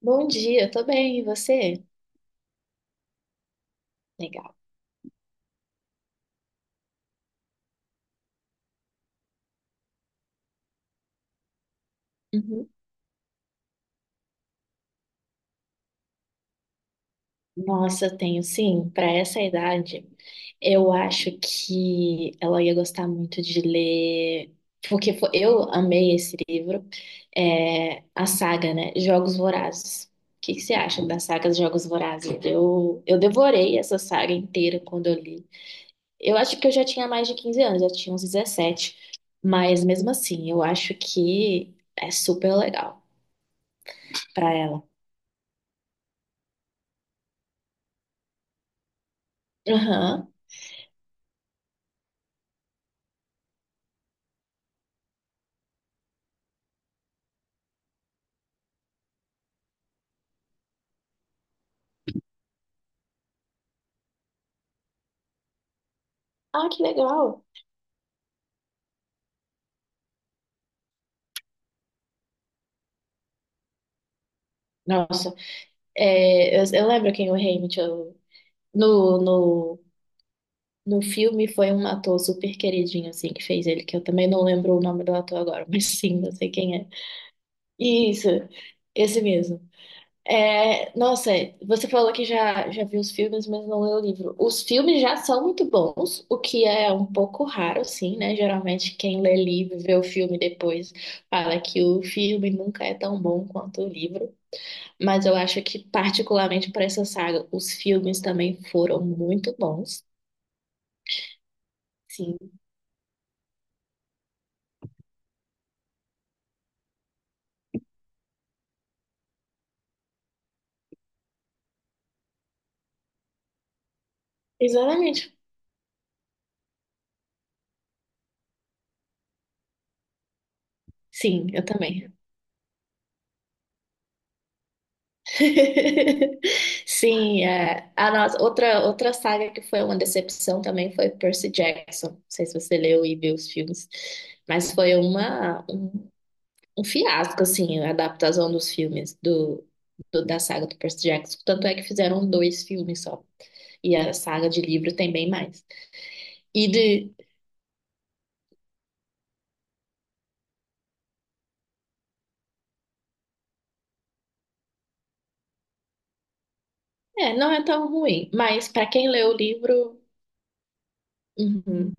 Bom dia, tô bem, e você? Legal. Uhum. Nossa, eu tenho sim, para essa idade, eu acho que ela ia gostar muito de ler, porque eu amei esse livro, é, a saga, né? Jogos Vorazes. O que que você acha da saga dos Jogos Vorazes? Eu devorei essa saga inteira quando eu li. Eu acho que eu já tinha mais de 15 anos, já tinha uns 17, mas mesmo assim, eu acho que é super legal para ela. Aham. Ah, que legal. Nossa, é, eu lembro quem o Rei Mitchell no, no, no filme foi um ator super queridinho, assim, que fez ele, que eu também não lembro o nome do ator agora, mas sim, eu sei quem é. Isso, esse mesmo. É, nossa, você falou que já viu os filmes, mas não leu o livro. Os filmes já são muito bons, o que é um pouco raro, sim, né? Geralmente quem lê livro e vê o filme depois fala que o filme nunca é tão bom quanto o livro. Mas eu acho que, particularmente para essa saga, os filmes também foram muito bons. Sim, exatamente. Sim, eu também. Sim, é. A nossa, outra saga que foi uma decepção também foi Percy Jackson. Não sei se você leu e viu os filmes, mas foi um fiasco, assim, a adaptação dos filmes da saga do Percy Jackson. Tanto é que fizeram dois filmes só. E a saga de livro tem bem mais. E de, É, não é tão ruim, mas para quem lê o livro, uhum.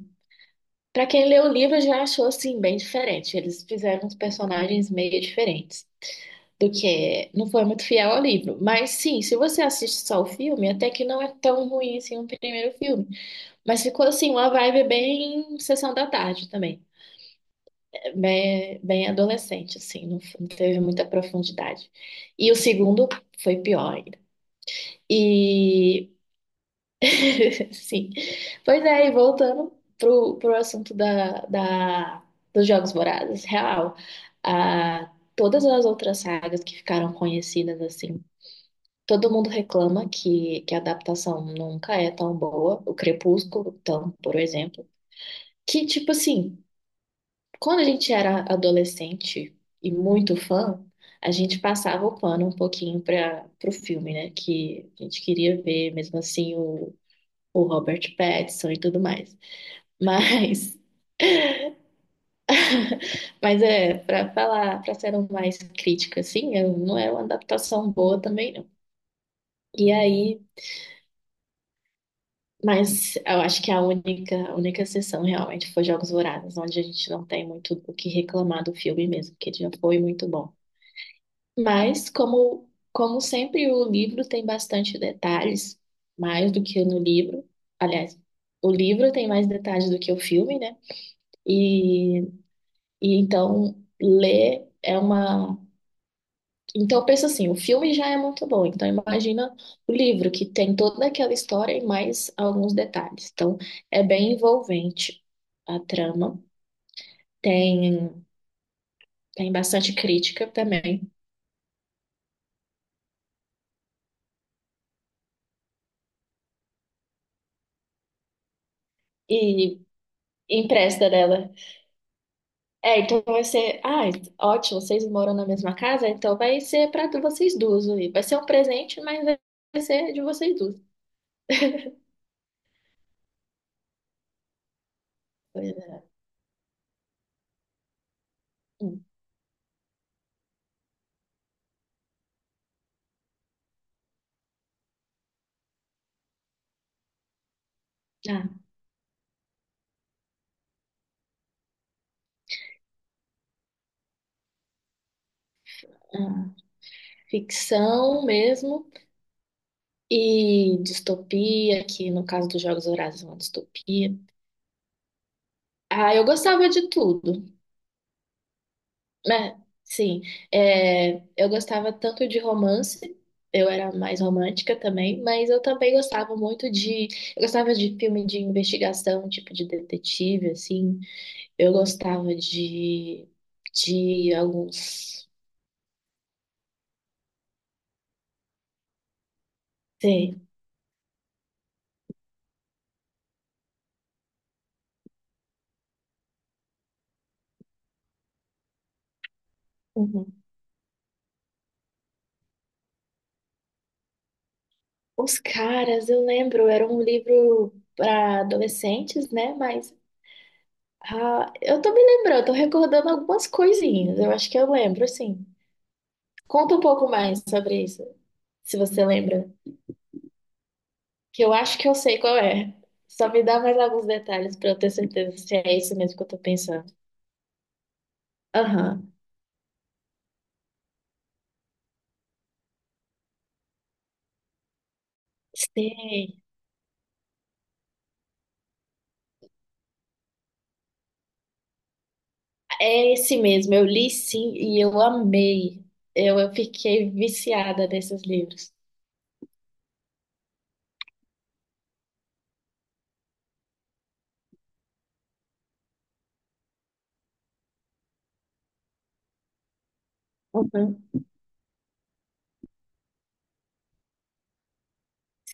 Para quem lê o livro já achou assim bem diferente. Eles fizeram uns personagens meio diferentes do que é. Não foi muito fiel ao livro. Mas sim, se você assiste só o filme, até que não é tão ruim assim o primeiro filme, mas ficou assim uma vibe bem sessão da tarde também. É bem, bem adolescente assim, não, não teve muita profundidade. E o segundo foi pior ainda. E sim. Pois é, e voltando pro assunto dos Jogos Vorazes, real, ah, todas as outras sagas que ficaram conhecidas, assim, todo mundo reclama que a adaptação nunca é tão boa, o Crepúsculo, então, por exemplo, que, tipo assim, quando a gente era adolescente e muito fã, a gente passava o pano um pouquinho para pro filme, né, que a gente queria ver, mesmo assim, o Robert Pattinson e tudo mais. Mas, mas é, para falar, para ser um mais crítica, assim, não é uma adaptação boa também, não. E aí, mas eu acho que a única exceção realmente foi Jogos Vorazes, onde a gente não tem muito o que reclamar do filme mesmo, porque ele já foi muito bom. Mas, como sempre, o livro tem bastante detalhes, mais do que no livro. Aliás, o livro tem mais detalhes do que o filme, né? E, e então, ler é uma. Então, eu penso assim, o filme já é muito bom. Então, imagina o livro, que tem toda aquela história e mais alguns detalhes. Então, é bem envolvente a trama. Tem, tem bastante crítica também. E empresta dela. É, então vai ser... Ah, ótimo, vocês moram na mesma casa, então vai ser para vocês duas. Aí. Vai ser um presente, mas vai ser de vocês duas. Pois é. Hum. Ah, ah, ficção mesmo. E distopia, que no caso dos Jogos Vorazes é uma distopia. Ah, eu gostava de tudo, né? Sim, é, eu gostava tanto de romance, eu era mais romântica também, mas eu também gostava muito de. Eu gostava de filme de investigação, tipo de detetive, assim. Eu gostava de alguns. Sim. Uhum. Os caras, eu lembro, era um livro para adolescentes, né? Mas ah, eu tô me lembrando, eu tô recordando algumas coisinhas. Eu acho que eu lembro, sim. Conta um pouco mais sobre isso, se você lembra. Que eu acho que eu sei qual é. Só me dá mais alguns detalhes pra eu ter certeza se é isso mesmo que eu tô pensando. Aham. Sei. É esse mesmo. Eu li sim e eu amei. Eu fiquei viciada nesses livros. Uhum.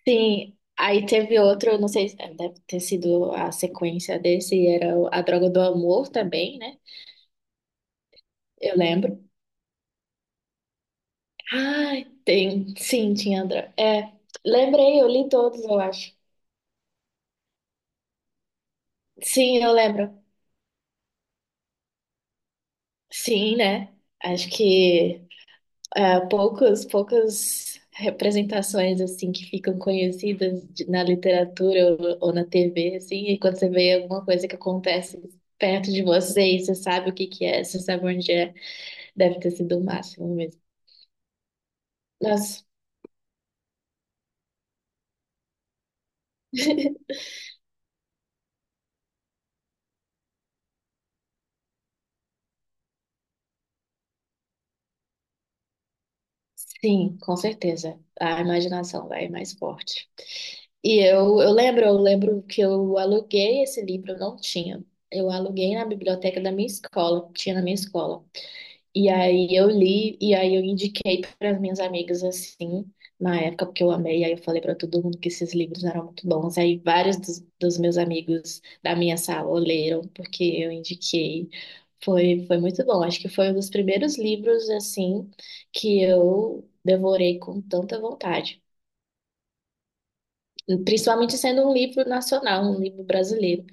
Sim. Aí teve outro, eu não sei, deve ter sido a sequência desse, era o A Droga do Amor também, né? Eu lembro. Ai, tem. Sim, tinha Andra é, lembrei, eu li todos, eu acho. Sim, eu lembro. Sim, né? Acho que é, poucos, poucas representações assim que ficam conhecidas na literatura ou na TV, assim, e quando você vê alguma coisa que acontece perto de você e você sabe o que que é, você sabe onde é, deve ter sido o máximo mesmo. Nossa, sim, com certeza. A imaginação vai mais forte. E eu lembro, eu lembro que eu aluguei esse livro, eu não tinha. Eu aluguei na biblioteca da minha escola, tinha na minha escola. E aí eu li, e aí eu indiquei para as minhas amigas assim, na época, porque eu amei, aí eu falei para todo mundo que esses livros eram muito bons. Aí vários dos meus amigos da minha sala leram, porque eu indiquei. Foi, foi muito bom. Acho que foi um dos primeiros livros assim que eu devorei com tanta vontade. Principalmente sendo um livro nacional, um livro brasileiro.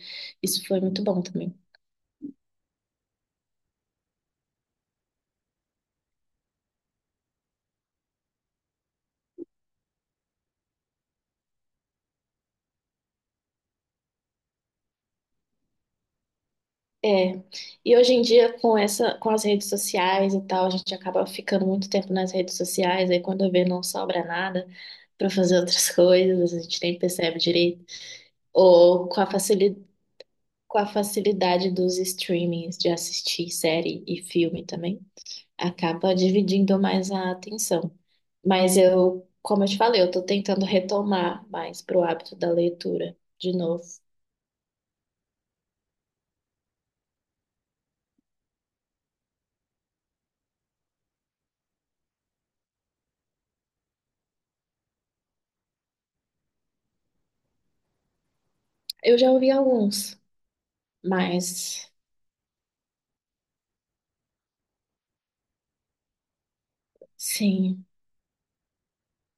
Isso foi muito bom também. É. E hoje em dia, com as redes sociais e tal, a gente acaba ficando muito tempo nas redes sociais, aí quando vê não sobra nada para fazer outras coisas, a gente nem percebe direito. Ou com a facilidade dos streamings de assistir série e filme também. Acaba dividindo mais a atenção. Mas eu, como eu te falei, eu tô tentando retomar mais pro hábito da leitura de novo. Eu já ouvi alguns, mas sim,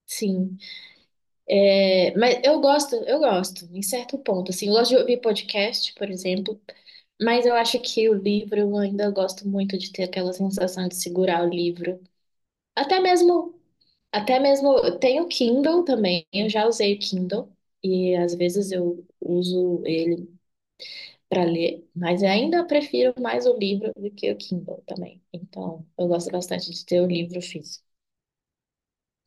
sim. É, mas eu gosto, em certo ponto. Assim, eu gosto de ouvir podcast, por exemplo, mas eu acho que o livro eu ainda gosto muito de ter aquela sensação de segurar o livro. Até mesmo Até mesmo, eu tenho Kindle também, eu já usei o Kindle e às vezes eu uso ele para ler, mas eu ainda prefiro mais o livro do que o Kindle também. Então, eu gosto bastante de ter o livro físico.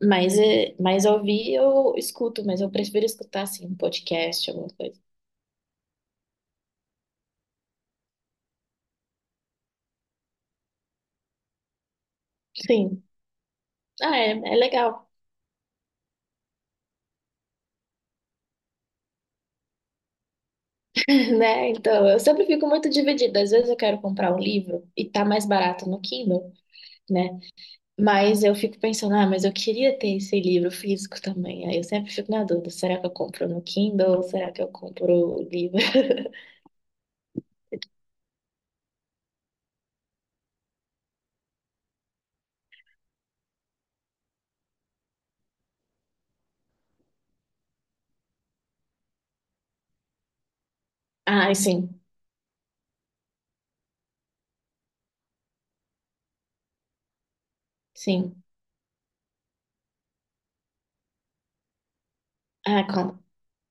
Mas, é, mas ouvir eu escuto, mas eu prefiro escutar assim, um podcast, alguma coisa. Sim, ah, é, é legal, né? Então, eu sempre fico muito dividida. Às vezes eu quero comprar um livro e tá mais barato no Kindle, né? Mas eu fico pensando, ah, mas eu queria ter esse livro físico também. Aí eu sempre fico na dúvida, será que eu compro no Kindle ou será que eu compro o livro? Ah, sim, sim. Ah, com,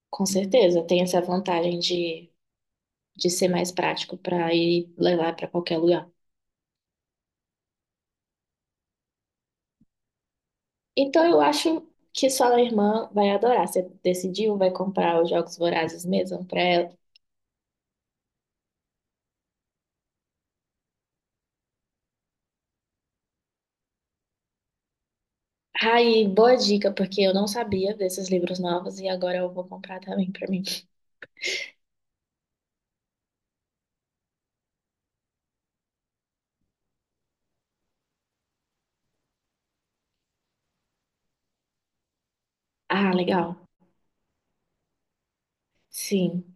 com certeza, tem essa vantagem de ser mais prático para ir levar para qualquer lugar. Então eu acho que sua irmã vai adorar. Você decidiu, vai comprar os Jogos Vorazes mesmo para ela. Ai, boa dica, porque eu não sabia desses livros novos e agora eu vou comprar também para mim. Ah, legal. Sim.